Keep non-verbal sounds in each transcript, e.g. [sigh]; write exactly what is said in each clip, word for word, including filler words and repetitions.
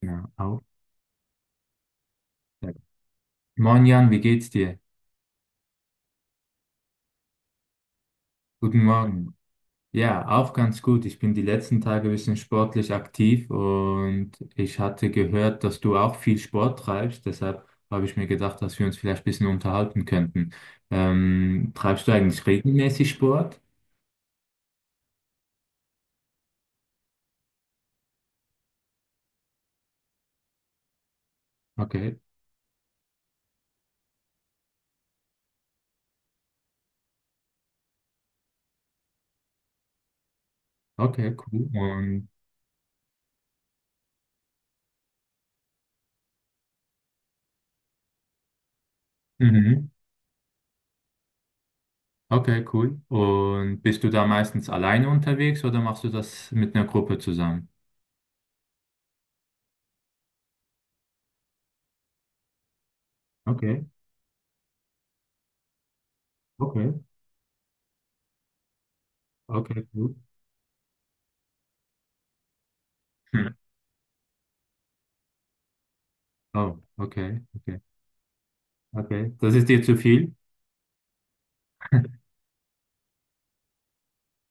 Ja, auch. Ja. Moin Jan, wie geht's dir? Guten Morgen. Ja, auch ganz gut. Ich bin die letzten Tage ein bisschen sportlich aktiv und ich hatte gehört, dass du auch viel Sport treibst. Deshalb habe ich mir gedacht, dass wir uns vielleicht ein bisschen unterhalten könnten. Ähm, treibst du eigentlich regelmäßig Sport? Okay, okay, cool. Und, mhm, okay, cool. Und bist du da meistens alleine unterwegs oder machst du das mit einer Gruppe zusammen? Okay, okay, okay, gut. Hm. Oh, okay, okay. Okay, das ist dir zu viel? [laughs]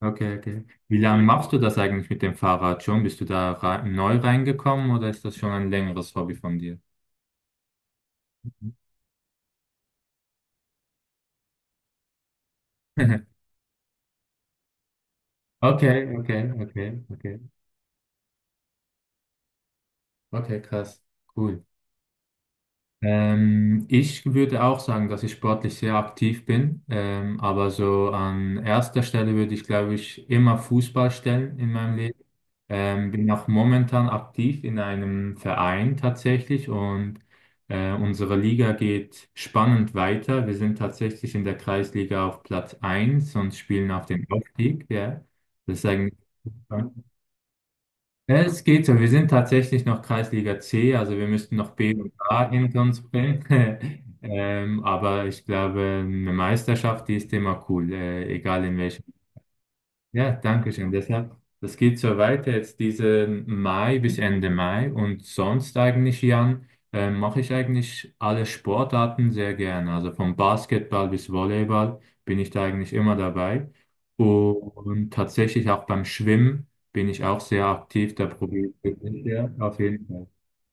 Okay, okay. Wie lange machst du das eigentlich mit dem Fahrrad schon? Bist du da rei- neu reingekommen oder ist das schon ein längeres Hobby von dir? [laughs] Okay, okay, okay, okay, okay, krass, cool. Ähm, ich würde auch sagen, dass ich sportlich sehr aktiv bin, ähm, aber so an erster Stelle würde ich, glaube ich, immer Fußball stellen in meinem Leben. Ähm, bin auch momentan aktiv in einem Verein tatsächlich und äh, unsere Liga geht spannend weiter. Wir sind tatsächlich in der Kreisliga auf Platz eins und spielen auf den Aufstieg. Ja. Das ist eigentlich ja, es geht so. Wir sind tatsächlich noch Kreisliga C, also wir müssten noch B und A hinter uns bringen. [laughs] Ähm, aber ich glaube, eine Meisterschaft, die ist immer cool, äh, egal in welcher. Ja, danke schön. Deshalb, das geht so weiter jetzt diesen Mai bis Ende Mai und sonst eigentlich, Jan, äh, mache ich eigentlich alle Sportarten sehr gerne. Also vom Basketball bis Volleyball bin ich da eigentlich immer dabei. Und tatsächlich auch beim Schwimmen bin ich auch sehr aktiv. Da probiere ich wirklich sehr, auf jeden Fall.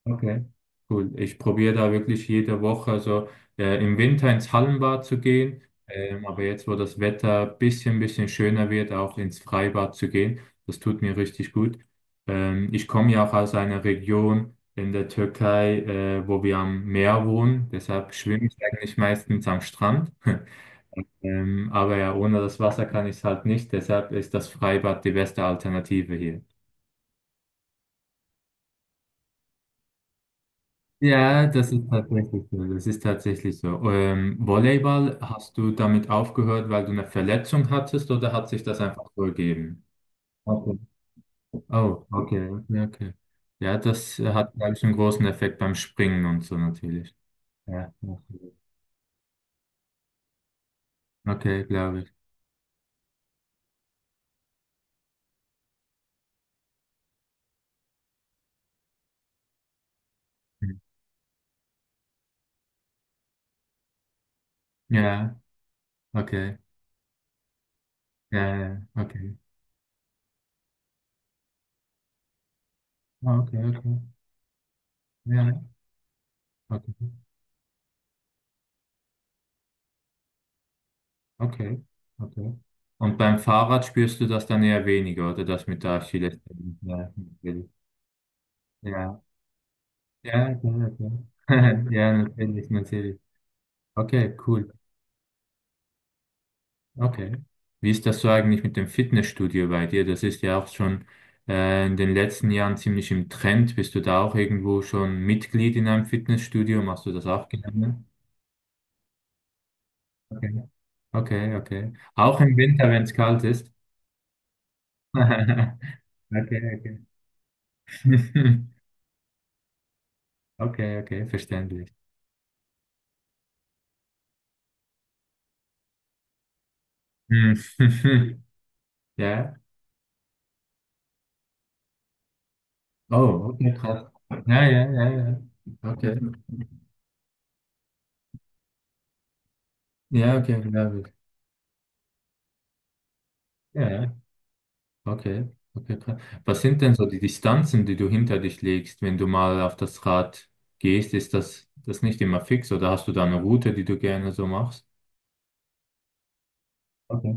Okay, cool. Ich probiere da wirklich jede Woche, also äh, im Winter ins Hallenbad zu gehen, ähm, aber jetzt, wo das Wetter ein bisschen, bisschen schöner wird, auch ins Freibad zu gehen, das tut mir richtig gut. Ähm, ich komme ja auch aus einer Region in der Türkei, äh, wo wir am Meer wohnen, deshalb schwimme ich eigentlich meistens am Strand. [laughs] Ähm, aber ja, ohne das Wasser kann ich es halt nicht, deshalb ist das Freibad die beste Alternative hier. Ja, das ist tatsächlich so. Das ist tatsächlich so. Ähm, Volleyball, hast du damit aufgehört, weil du eine Verletzung hattest oder hat sich das einfach so ergeben? Okay. Oh, okay, okay, okay. Ja, das äh, hat, glaube ich, einen großen Effekt beim Springen und so natürlich. Ja, okay, okay, glaube ich. Hm. Ja, okay. Ja, ja, ja, okay. Ah, okay, okay. Ja, okay. Okay, okay. Und beim Fahrrad spürst du das dann eher weniger, oder das mit der Achillessehne? Ja, natürlich. Ja, klar, klar. [laughs] Ja, natürlich, natürlich. Okay, cool. Okay. Wie ist das so eigentlich mit dem Fitnessstudio bei dir? Das ist ja auch schon äh, in den letzten Jahren ziemlich im Trend. Bist du da auch irgendwo schon Mitglied in einem Fitnessstudio? Machst du das auch gerne? Okay, okay, okay. Auch im Winter, wenn es kalt ist. [laughs] Okay, okay. [laughs] Okay, okay, verständlich. Hm. [laughs] Ja. Oh, okay, krass. Ja, ja, ja, ja. Okay. Ja, okay, glaube ich. Ja, ja, okay, okay, krass. Was sind denn so die Distanzen, die du hinter dich legst, wenn du mal auf das Rad gehst? Ist das, das nicht immer fix oder hast du da eine Route, die du gerne so machst? Okay,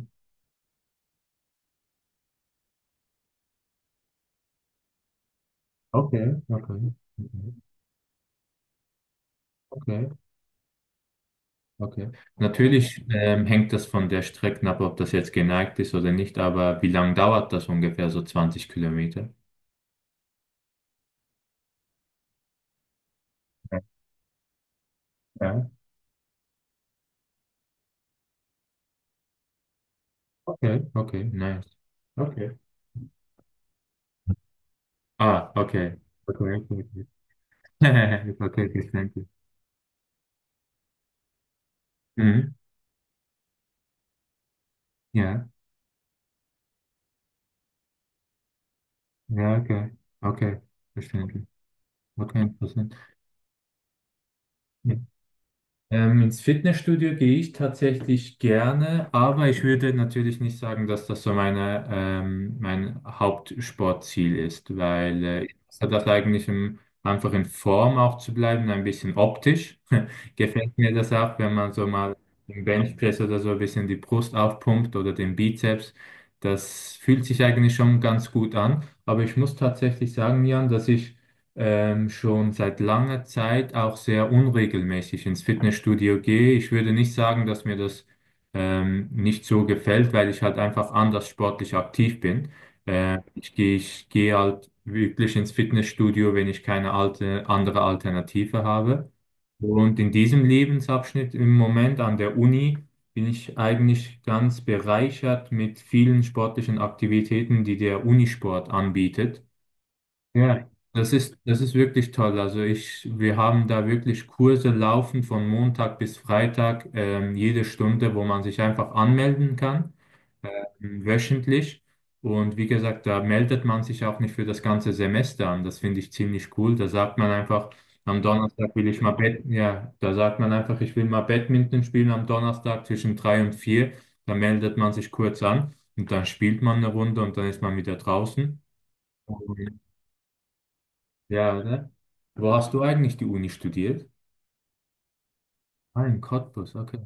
okay, okay, mhm, okay, okay. Natürlich ähm, hängt das von der Strecke ab, ob das jetzt geneigt ist oder nicht, aber wie lange dauert das ungefähr, so zwanzig Kilometer? Ja, ja. Okay, okay, nice. Okay. Ah, okay. Okay, okay, okay. [laughs] Okay, okay, danke. Mhm. Ja, ja, okay. Okay, verständlich. Okay, interessant. Ja. Ähm, ins Fitnessstudio gehe ich tatsächlich gerne, aber ich würde natürlich nicht sagen, dass das so meine, ähm, mein Hauptsportziel ist, weil äh, ich mache das eigentlich, um einfach in Form auch zu bleiben, ein bisschen optisch. [laughs] Gefällt mir das auch, wenn man so mal im Benchpress oder so ein bisschen die Brust aufpumpt oder den Bizeps. Das fühlt sich eigentlich schon ganz gut an, aber ich muss tatsächlich sagen, Jan, dass ich ähm, schon seit langer Zeit auch sehr unregelmäßig ins Fitnessstudio gehe. Ich würde nicht sagen, dass mir das ähm, nicht so gefällt, weil ich halt einfach anders sportlich aktiv bin. Äh, Mhm. Ich gehe, ich gehe halt wirklich ins Fitnessstudio, wenn ich keine alte, andere Alternative habe. Und in diesem Lebensabschnitt im Moment an der Uni bin ich eigentlich ganz bereichert mit vielen sportlichen Aktivitäten, die der Unisport anbietet. Ja, das ist, das ist wirklich toll. Also ich, wir haben da wirklich Kurse laufen von Montag bis Freitag, ähm, jede Stunde, wo man sich einfach anmelden kann, ähm, wöchentlich. Und wie gesagt, da meldet man sich auch nicht für das ganze Semester an. Das finde ich ziemlich cool. Da sagt man einfach, am Donnerstag will ich mal Bad, ja, da sagt man einfach, ich will mal Badminton spielen am Donnerstag zwischen drei und vier. Da meldet man sich kurz an und dann spielt man eine Runde und dann ist man wieder draußen. Ja, oder? Wo hast du eigentlich die Uni studiert? Ah, in Cottbus, okay.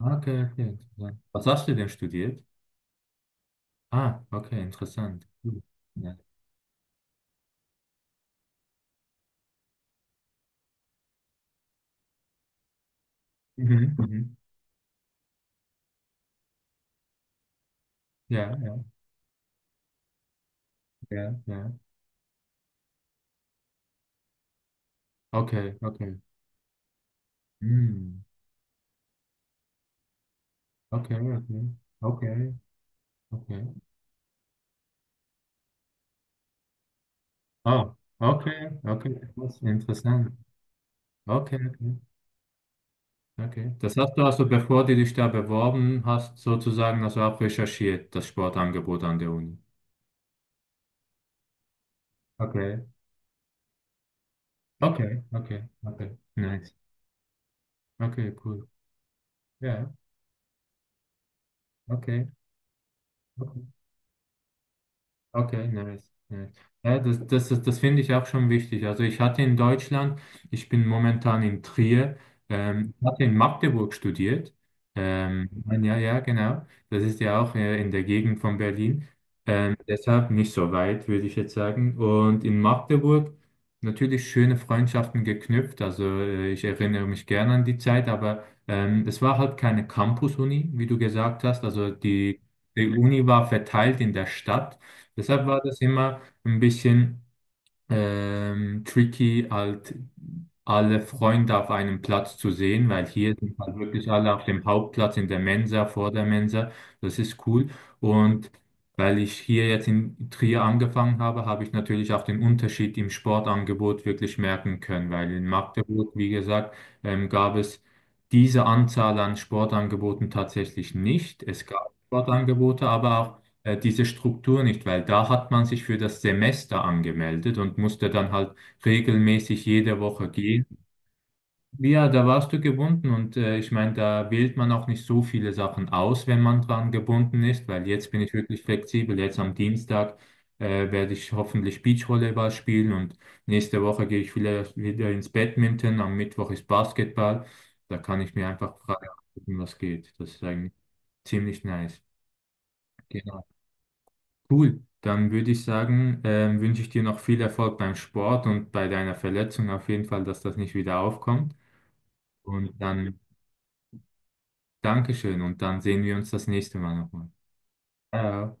Ah, okay, okay, interessant. Was hast du denn studiert? Ah, okay, interessant. Cool. Ja. Mhm, mhm. Ja, ja, ja, ja. Okay, okay. Hm. Okay, okay. Okay, okay. Oh, okay, okay. Krass, interessant. Okay, okay, okay. Das hast du also, bevor du dich da beworben hast, sozusagen also auch recherchiert, das Sportangebot an der Uni. Okay. Okay, okay, okay. Nice. Okay, cool. Ja, okay, okay. Okay, nice, nice. Ja, das, das, das, das finde ich auch schon wichtig. Also ich hatte in Deutschland, ich bin momentan in Trier, ähm, ich hatte in Magdeburg studiert. Ähm, ein ja, genau. Das ist ja auch äh, in der Gegend von Berlin. Ähm, deshalb nicht so weit, würde ich jetzt sagen. Und in Magdeburg natürlich schöne Freundschaften geknüpft. Also äh, ich erinnere mich gerne an die Zeit, aber ähm, es war halt keine Campus-Uni, wie du gesagt hast. Also die, die Uni war verteilt in der Stadt. Deshalb war das immer ein bisschen ähm, tricky, halt alle Freunde auf einem Platz zu sehen, weil hier sind halt wirklich alle auf dem Hauptplatz in der Mensa, vor der Mensa. Das ist cool. Und weil ich hier jetzt in Trier angefangen habe, habe ich natürlich auch den Unterschied im Sportangebot wirklich merken können, weil in Magdeburg, wie gesagt, ähm, gab es diese Anzahl an Sportangeboten tatsächlich nicht. Es gab Sportangebote, aber auch äh, diese Struktur nicht, weil da hat man sich für das Semester angemeldet und musste dann halt regelmäßig jede Woche gehen. Ja, da warst du gebunden und äh, ich meine, da wählt man auch nicht so viele Sachen aus, wenn man dran gebunden ist, weil jetzt bin ich wirklich flexibel. Jetzt am Dienstag äh, werde ich hoffentlich Beachvolleyball spielen und nächste Woche gehe ich vielleicht wieder ins Badminton, am Mittwoch ist Basketball. Da kann ich mir einfach frei aussuchen, was geht. Das ist eigentlich ziemlich nice. Genau. Cool, dann würde ich sagen, ähm, wünsche ich dir noch viel Erfolg beim Sport und bei deiner Verletzung auf jeden Fall, dass das nicht wieder aufkommt. Und dann dankeschön und dann sehen wir uns das nächste Mal nochmal. Ciao.